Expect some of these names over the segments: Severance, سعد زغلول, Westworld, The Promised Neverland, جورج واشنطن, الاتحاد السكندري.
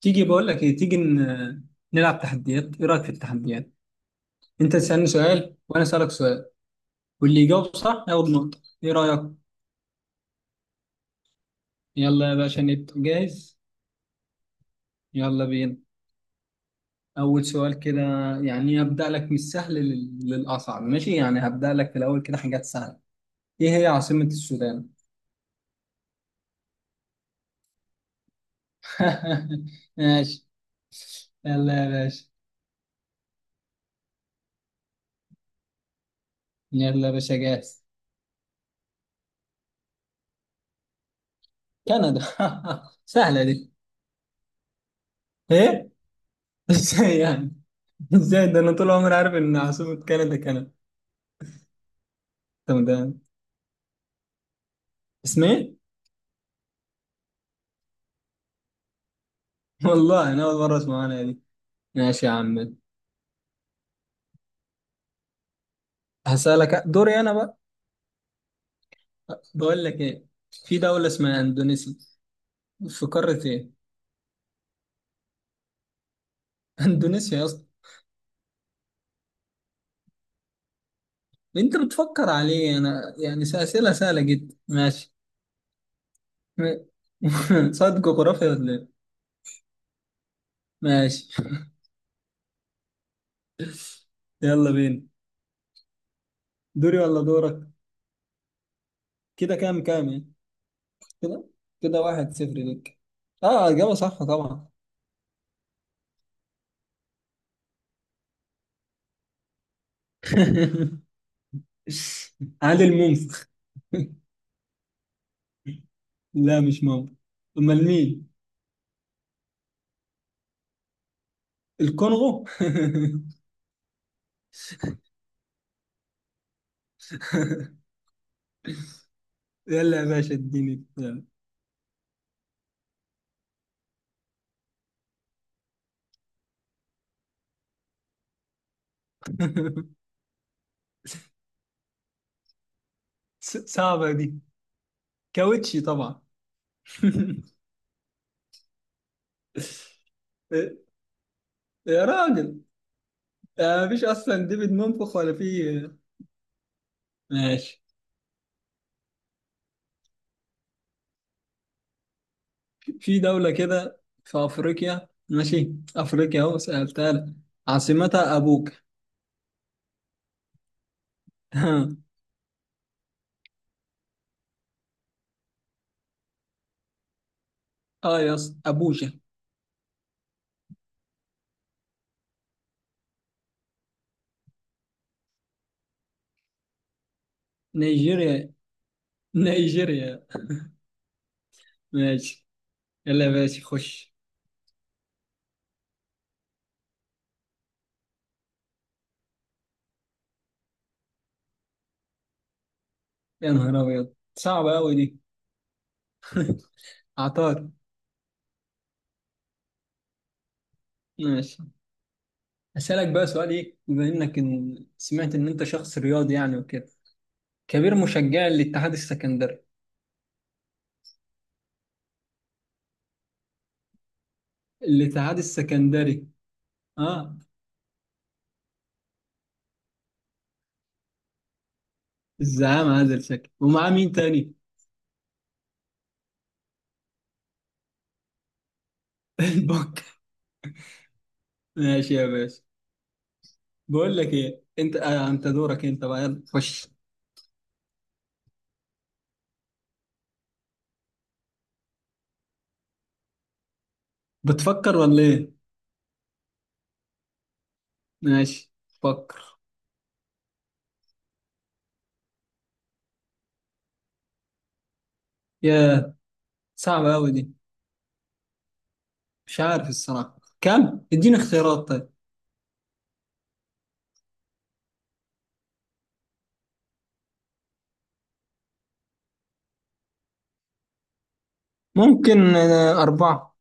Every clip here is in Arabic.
تيجي بقول لك ايه، تيجي نلعب تحديات. ايه رايك في التحديات؟ انت تسالني سؤال وانا اسالك سؤال. واللي يجاوب صح ياخد نقطه. ايه رايك؟ يلا يا باشا، نبدا. جاهز؟ يلا بينا. اول سؤال كده. يعني هبدا لك من السهل للاصعب، ماشي؟ يعني هبدا لك في الاول كده حاجات سهله. ايه هي عاصمه السودان؟ ماشي. يلا يا باشا، يلا يا باشا، جاهز؟ كندا. سهله دي؟ ايه؟ ازاي يعني؟ ازاي ده؟ انا طول عمري عارف ان عاصمه كندا كندا. طب ده اسمه ايه؟ والله انا اول مره اسمع عنها دي. ماشي يا عم. هسألك، دوري انا بقى. بقول لك ايه، في دوله اسمها اندونيسيا، في قاره ايه؟ اندونيسيا يا اسطى. انت بتفكر عليه؟ انا يعني اسئله سهله جدا، ماشي. صاد جغرافيا ولا ايه؟ ماشي. يلا بينا. دوري ولا دورك؟ كده، كام كام يعني؟ كده، كده، واحد صفر ليك. اه، اجابه صح طبعا. عادل منفخ. لا، مش مامبا. امال مين؟ الكونغو. يلا يا باشا اديني، يلا. صعبة دي. كاوتشي طبعا. يا راجل، مفيش اصلا ديفيد منفخ ولا في. ماشي. في دولة كده في افريقيا، ماشي، افريقيا اهو، سألتها لك. عاصمتها ابوك. اه يا اسطى، ابوجا. نيجيريا. نيجيريا، ماشي. يلا يا باشا خش. يا نهار أبيض، صعبة أوي دي. عطار. ماشي. أسألك بقى سؤال، إيه بما إنك إن سمعت إن أنت شخص رياضي يعني وكده، كبير مشجع للاتحاد السكندري. الاتحاد السكندري، آه. الزعامة عادل شكل، ومعاه مين تاني؟ البك. ماشي يا باشا. بقول لك إيه، أنت دورك، أنت بقى، يلا خش. بتفكر ولا إيه؟ ماشي، فكر. يا صعبة أوي دي. مش عارف الصراحة كم، اديني اختيارات طيب. ممكن أربعة.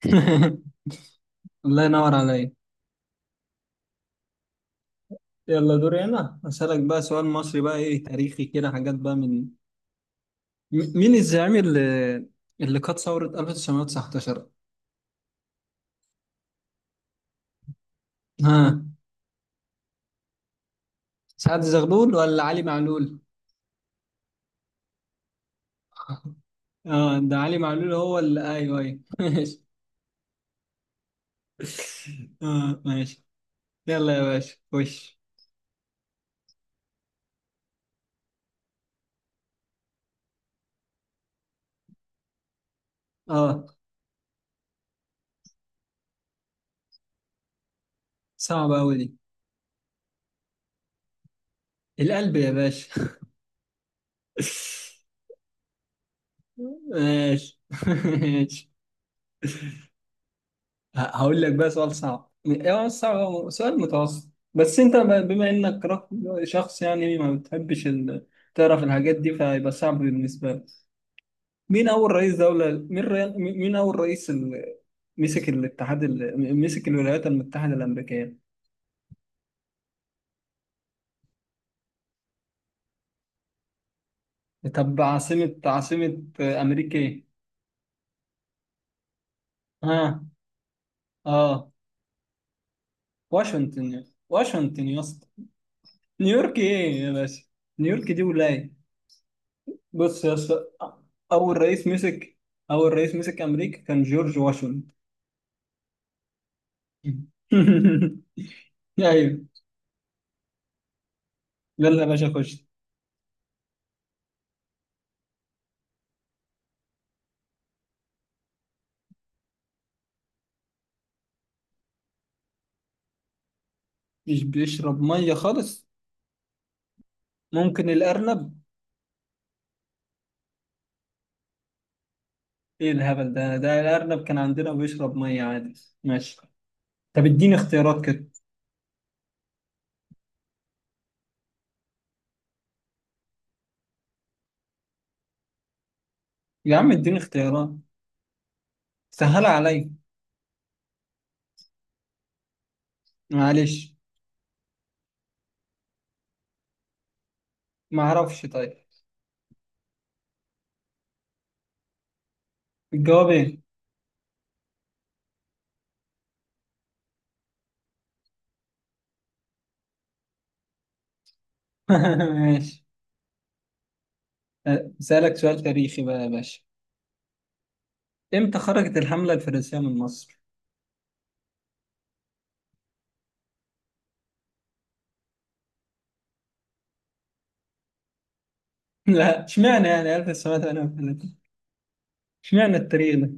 الله ينور عليا. يلا، دوري انا، اسالك بقى سؤال مصري بقى، ايه، تاريخي كده حاجات بقى من مين الزعيم اللي قاد ثورة 1919؟ ها، سعد زغلول ولا علي معلول؟ اه، ده علي معلول هو اللي، ايوه ايوه. ماشي. اه، ماشي. يلا يا باشا خش. اه، صعبة أوي دي. القلب يا باشا. ماشي. ماشي. هقول لك بقى سؤال صعب، يعني هو مش صعب، هو سؤال متوسط. بس انت بما انك شخص يعني ما بتحبش تعرف الحاجات دي، فهيبقى صعب بالنسبة لك. مين اول رئيس دولة مين ري... مين اول رئيس مسك الولايات المتحدة الأمريكية؟ طب، عاصمة أمريكا ايه؟ ها، اه واشنطن، واشنطن يا اسطى. نيويورك ايه يا باشا؟ نيويورك دي ولاية. بص يا اسطى، اول رئيس مسك اول رئيس مسك امريكا كان جورج واشنطن. ايوه. يلا يا باشا خش. مش بيشرب ميه خالص. ممكن الارنب. ايه الهبل ده، الارنب كان عندنا بيشرب ميه عادي. ماشي. طب اديني اختيارات كده. يا عم اديني اختيارات، سهل عليا، معلش. ما اعرفش طيب، الجواب ايه؟ ماشي. أه، اسالك سؤال تاريخي بقى يا باشا. امتى خرجت الحمله الفرنسيه من مصر؟ لا، اشمعنى يعني 1908؟ اشمعنى التاريخ ده؟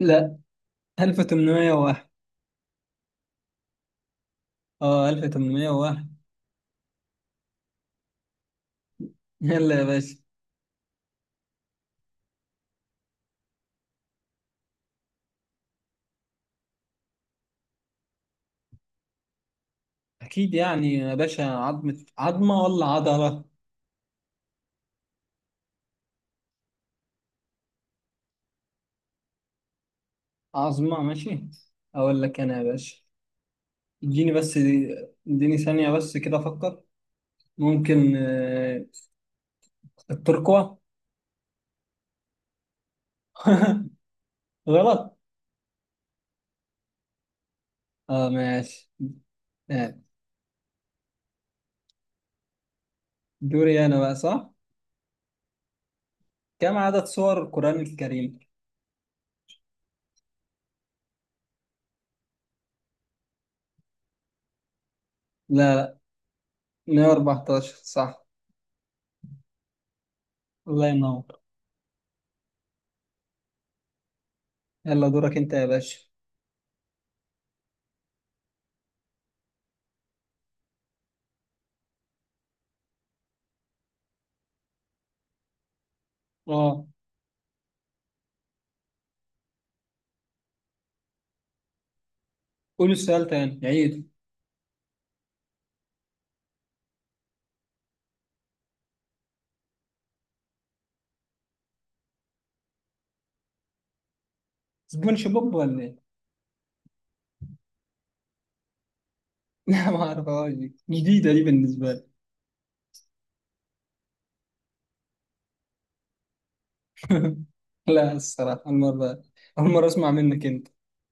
لا، 1801. اه، 1801. يلا يا باشا. اكيد يعني يا باشا، عظمة، عظمة ولا عضلة؟ عظمة، ماشي. اقول لك انا يا باشا، اديني بس، اديني ثانية بس كده افكر. ممكن التركوة. غلط. اه، ماشي. آه، دوري انا بقى، صح؟ كم عدد سور القرآن الكريم؟ لا، لا، 114 صح. الله ينور. يلا، دورك انت يا باشا. اه، قول السؤال تاني، عيد. سبونج بوب ولا ايه؟ لا، ما اعرفهاش دي، جديدة دي بالنسبة لي. لا الصراحة المرة، أول مرة أسمع منك أنت.